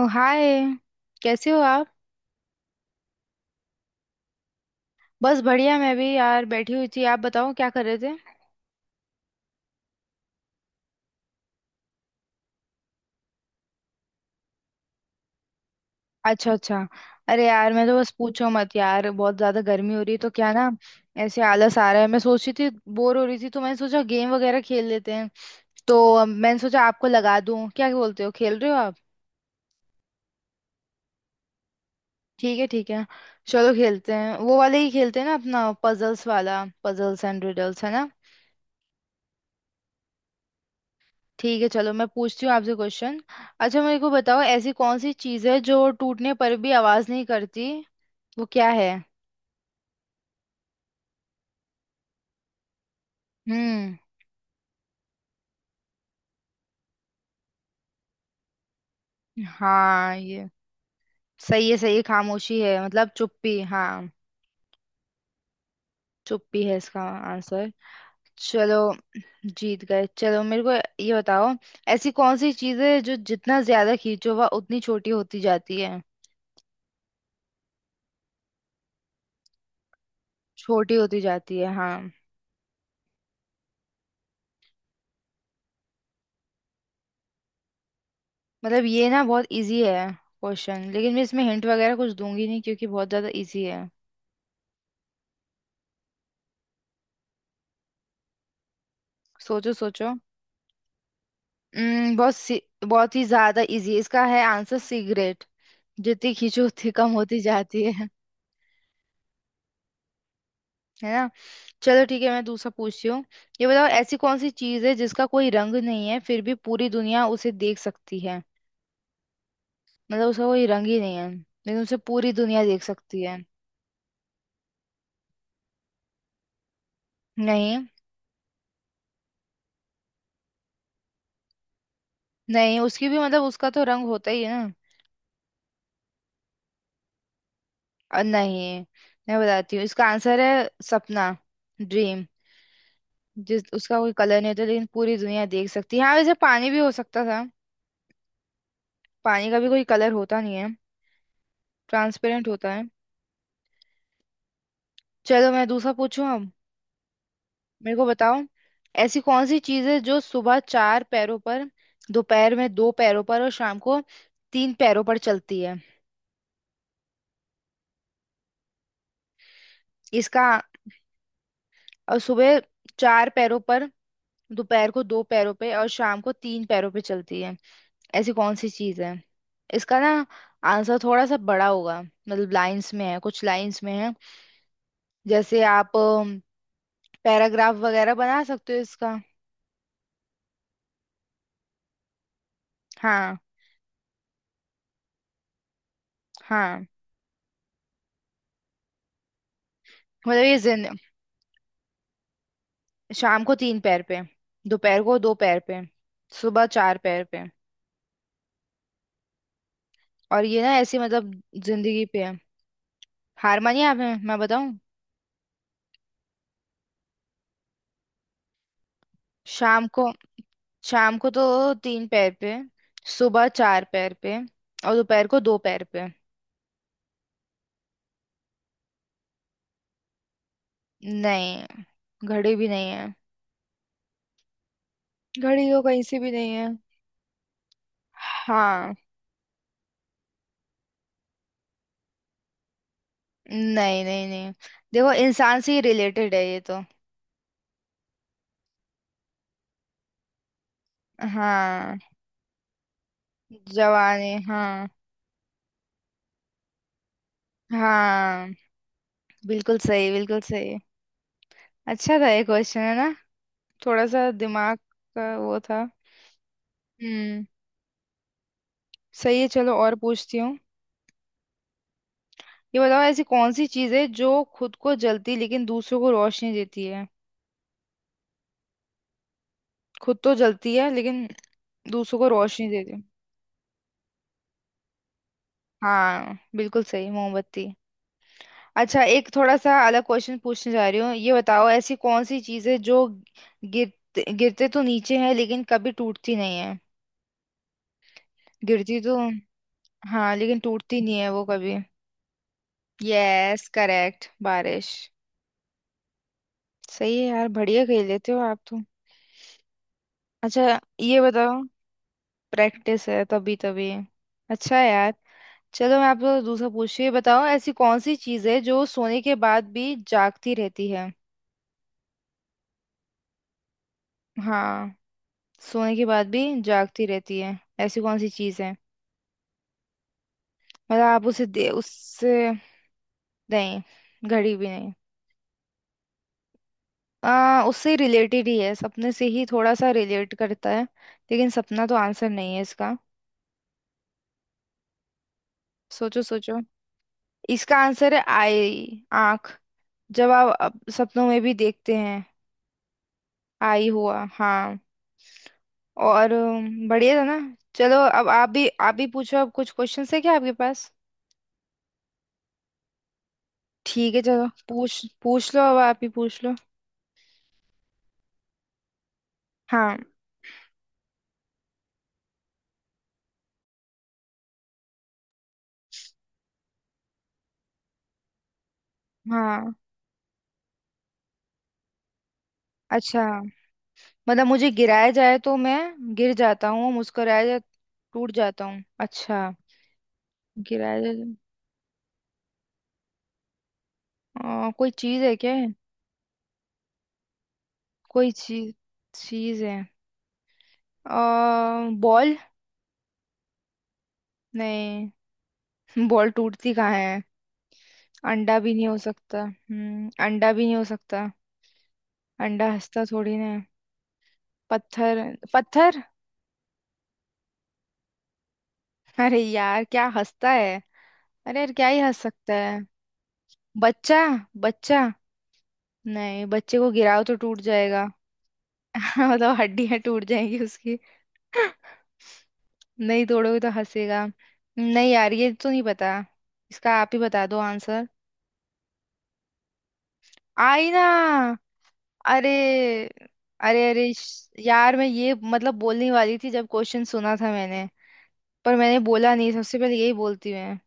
ओ hi. कैसे हो आप। बस बढ़िया मैं भी यार बैठी हुई थी। आप बताओ क्या कर रहे थे। अच्छा अच्छा। अरे यार मैं तो बस पूछो मत यार बहुत ज्यादा गर्मी हो रही है तो क्या ना, ऐसे आलस आ रहा है। मैं सोच रही थी बोर हो रही थी तो मैंने सोचा गेम वगैरह खेल लेते हैं। तो मैंने सोचा आपको लगा दूं, क्या बोलते हो खेल रहे हो आप। ठीक है ठीक है। चलो खेलते हैं वो वाले ही खेलते हैं ना, अपना पजल्स वाला, पजल्स एंड रिडल्स है ना। ठीक है चलो मैं पूछती हूँ आपसे क्वेश्चन। अच्छा मेरे को बताओ, ऐसी कौन सी चीज़ है जो टूटने पर भी आवाज नहीं करती। वो क्या है। हम्म। हाँ ये सही है सही है। खामोशी है, मतलब चुप्पी। हाँ चुप्पी है इसका आंसर। चलो जीत गए। चलो मेरे को ये बताओ, ऐसी कौन सी चीज़ है जो जितना ज्यादा खींचो वह उतनी छोटी होती जाती है। छोटी होती जाती है हाँ। मतलब ये ना बहुत इजी है क्वेश्चन, लेकिन मैं इसमें हिंट वगैरह कुछ दूंगी नहीं क्योंकि बहुत ज्यादा इजी है। सोचो सोचो। बहुत सी, बहुत ही ज्यादा इजी इसका है आंसर, सिगरेट। जितनी खींचो उतनी कम होती जाती है ना। चलो ठीक है मैं दूसरा पूछती हूँ। ये बताओ ऐसी कौन सी चीज है जिसका कोई रंग नहीं है फिर भी पूरी दुनिया उसे देख सकती है। मतलब उसका कोई रंग ही नहीं है लेकिन उसे पूरी दुनिया देख सकती है। नहीं। नहीं उसकी भी मतलब उसका तो रंग होता ही है ना। नहीं। मैं बताती हूँ इसका आंसर है सपना, ड्रीम। जिस उसका कोई कलर नहीं होता लेकिन पूरी दुनिया देख सकती है। हाँ वैसे पानी भी हो सकता था। पानी का भी कोई कलर होता नहीं है। ट्रांसपेरेंट होता है। चलो मैं दूसरा पूछूं अब। मेरे को बताओ ऐसी कौन सी चीज है जो सुबह चार पैरों पर, दोपहर में दो पैरों पर और शाम को तीन पैरों पर चलती है। इसका। और सुबह चार पैरों पर, दोपहर को दो पैरों पे और शाम को तीन पैरों पे चलती है। ऐसी कौन सी चीज है। इसका ना आंसर थोड़ा सा बड़ा होगा, मतलब लाइंस में है, कुछ लाइंस में है। जैसे आप पैराग्राफ वगैरह बना सकते हो इसका। हाँ। हाँ मतलब ये जिन, शाम को तीन पैर पे, दोपहर को दो पैर पे, सुबह चार पैर पे। और ये ना ऐसी मतलब जिंदगी पे है। हार मानिए आप, मैं बताऊं। शाम को, शाम को तो तीन पैर पे, सुबह चार पैर पे और दोपहर को दो पैर पे। नहीं, घड़ी भी नहीं है। घड़ी तो कहीं से भी नहीं है। हाँ। नहीं नहीं नहीं। देखो इंसान से ही रिलेटेड है ये तो। हाँ। जवानी हाँ। हाँ बिल्कुल सही बिल्कुल सही। अच्छा था ये क्वेश्चन है ना। थोड़ा सा दिमाग का वो था। हम्म। सही है चलो और पूछती हूँ। ये बताओ ऐसी कौन सी चीज़ है जो खुद को जलती लेकिन दूसरों को रोशनी देती है। खुद तो जलती है लेकिन दूसरों को रोशनी देती है। हाँ बिल्कुल सही, मोमबत्ती। अच्छा एक थोड़ा सा अलग क्वेश्चन पूछने जा रही हूँ। ये बताओ ऐसी कौन सी चीज़ है जो गिरते गिरते तो नीचे है लेकिन कभी टूटती नहीं है। गिरती तो, हाँ लेकिन टूटती नहीं है वो कभी। यस करेक्ट, बारिश। सही है यार, बढ़िया खेल लेते हो आप तो। अच्छा ये बताओ। प्रैक्टिस है तभी तभी। अच्छा है यार। चलो मैं आपको दूसरा पूछ, ये बताओ ऐसी कौन सी चीज है जो सोने के बाद भी जागती रहती है। हाँ। सोने के बाद भी जागती रहती है, ऐसी कौन सी चीज है। मतलब आप उसे दे उससे। नहीं। घड़ी भी नहीं। उससे रिलेटेड ही है, सपने से ही थोड़ा सा रिलेट करता है, लेकिन सपना तो आंसर नहीं है इसका। सोचो सोचो। इसका आंसर है आई, आंख। जब आप सपनों में भी देखते हैं आई हुआ, हाँ। और बढ़िया था ना। चलो अब आप भी पूछो, अब कुछ क्वेश्चन है क्या आपके पास। ठीक है चलो पूछ पूछ लो, अब आप ही पूछ लो। हाँ। हाँ अच्छा, मतलब मुझे गिराया जाए तो मैं गिर जाता हूँ, मुस्कुराया जाए टूट जाता हूँ, अच्छा। गिराया जाए, कोई चीज है क्या। कोई चीज, चीज है। आ, बॉल। नहीं बॉल टूटती कहाँ है। अंडा भी नहीं हो सकता, अंडा भी नहीं हो सकता। अंडा हंसता थोड़ी ना है। पत्थर पत्थर। अरे यार क्या हंसता है। अरे यार क्या ही हंस सकता है। बच्चा बच्चा। नहीं बच्चे को गिराओ तो टूट जाएगा। मतलब हड्डियां टूट जाएंगी उसकी। नहीं तोड़ोगे तो हंसेगा। नहीं यार ये तो नहीं पता। इसका आप ही बता दो आंसर। आईना। अरे अरे अरे यार मैं ये मतलब बोलने वाली थी जब क्वेश्चन सुना था मैंने, पर मैंने बोला नहीं। सबसे पहले यही बोलती हूँ मैं।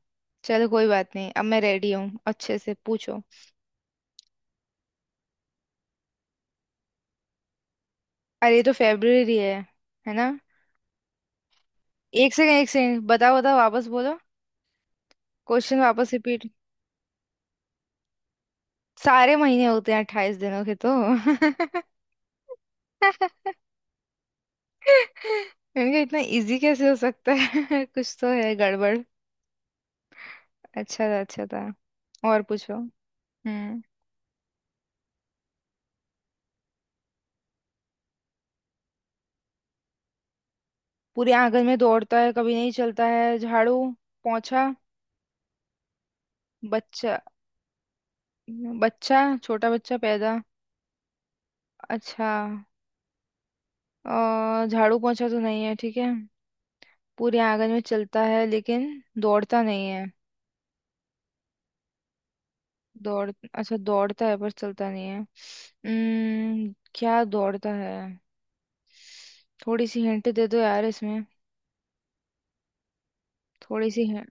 चलो कोई बात नहीं, अब मैं रेडी हूँ अच्छे से पूछो। अरे ये तो फेब्रुअरी है ना। एक सेकंड बताओ बताओ वापस बोलो। क्वेश्चन वापस रिपीट। सारे महीने होते हैं 28 दिनों के तो। मैंने कहा इतना इजी कैसे हो सकता है। कुछ तो है गड़बड़। अच्छा था अच्छा था। और पूछो। हम्म। पूरे आंगन में दौड़ता है कभी नहीं चलता है, झाड़ू, पोंछा, बच्चा, बच्चा छोटा बच्चा पैदा। अच्छा झाड़ू पोंछा तो नहीं है ठीक है। पूरे आंगन में चलता है लेकिन दौड़ता नहीं है। दौड़, अच्छा दौड़ता है पर चलता नहीं है। क्या दौड़ता है। थोड़ी सी हिंट दे दो यार इसमें। थोड़ी सी हिंट।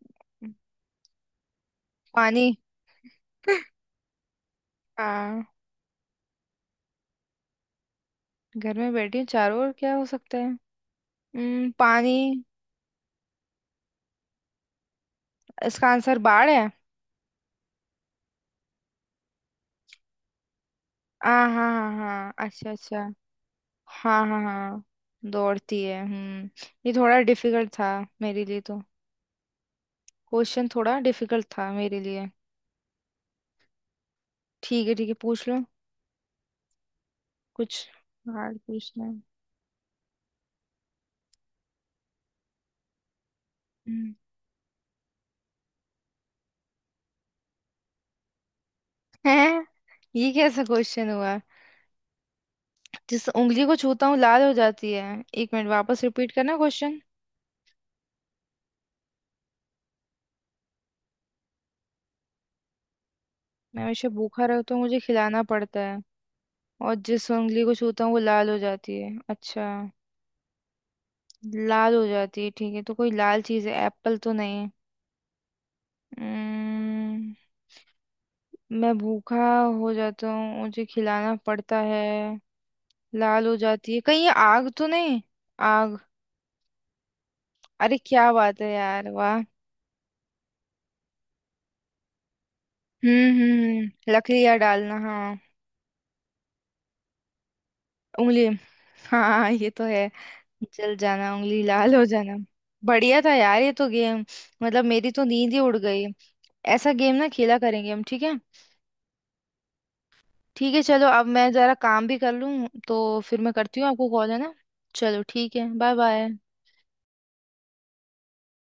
पानी। हाँ। घर में बैठी हूँ चारों ओर क्या हो सकता है। पानी। इसका आंसर बाढ़ है। हाँ हाँ हाँ हाँ अच्छा अच्छा। हाँ हाँ हाँ। दौड़ती है हम्म। ये थोड़ा डिफिकल्ट था मेरे लिए तो। क्वेश्चन थोड़ा डिफिकल्ट था मेरे लिए। ठीक है पूछ लो कुछ। हार्ड पूछना है। हम्म। हैं? ये कैसा क्वेश्चन हुआ। जिस उंगली को छूता हूँ लाल हो जाती है, एक मिनट वापस रिपीट करना क्वेश्चन। मैं हमेशा भूखा रहता हूँ मुझे खिलाना पड़ता है और जिस उंगली को छूता हूँ वो लाल हो जाती है, अच्छा। लाल हो जाती है, ठीक है तो कोई लाल चीज़ है, एप्पल तो नहीं है। उम्म, मैं भूखा हो जाता हूँ मुझे खिलाना पड़ता है, लाल हो जाती है, कहीं ये आग तो नहीं। आग। अरे क्या बात है यार वाह। लकड़ियाँ डालना हाँ। उंगली, हाँ ये तो है। जल जाना, उंगली लाल हो जाना। बढ़िया था यार ये तो गेम। मतलब मेरी तो नींद ही उड़ गई। ऐसा गेम ना खेला करेंगे हम, ठीक है। ठीक है चलो अब मैं जरा काम भी कर लूँ तो। फिर मैं करती हूँ आपको कॉल, है ना। चलो ठीक है बाय बाय।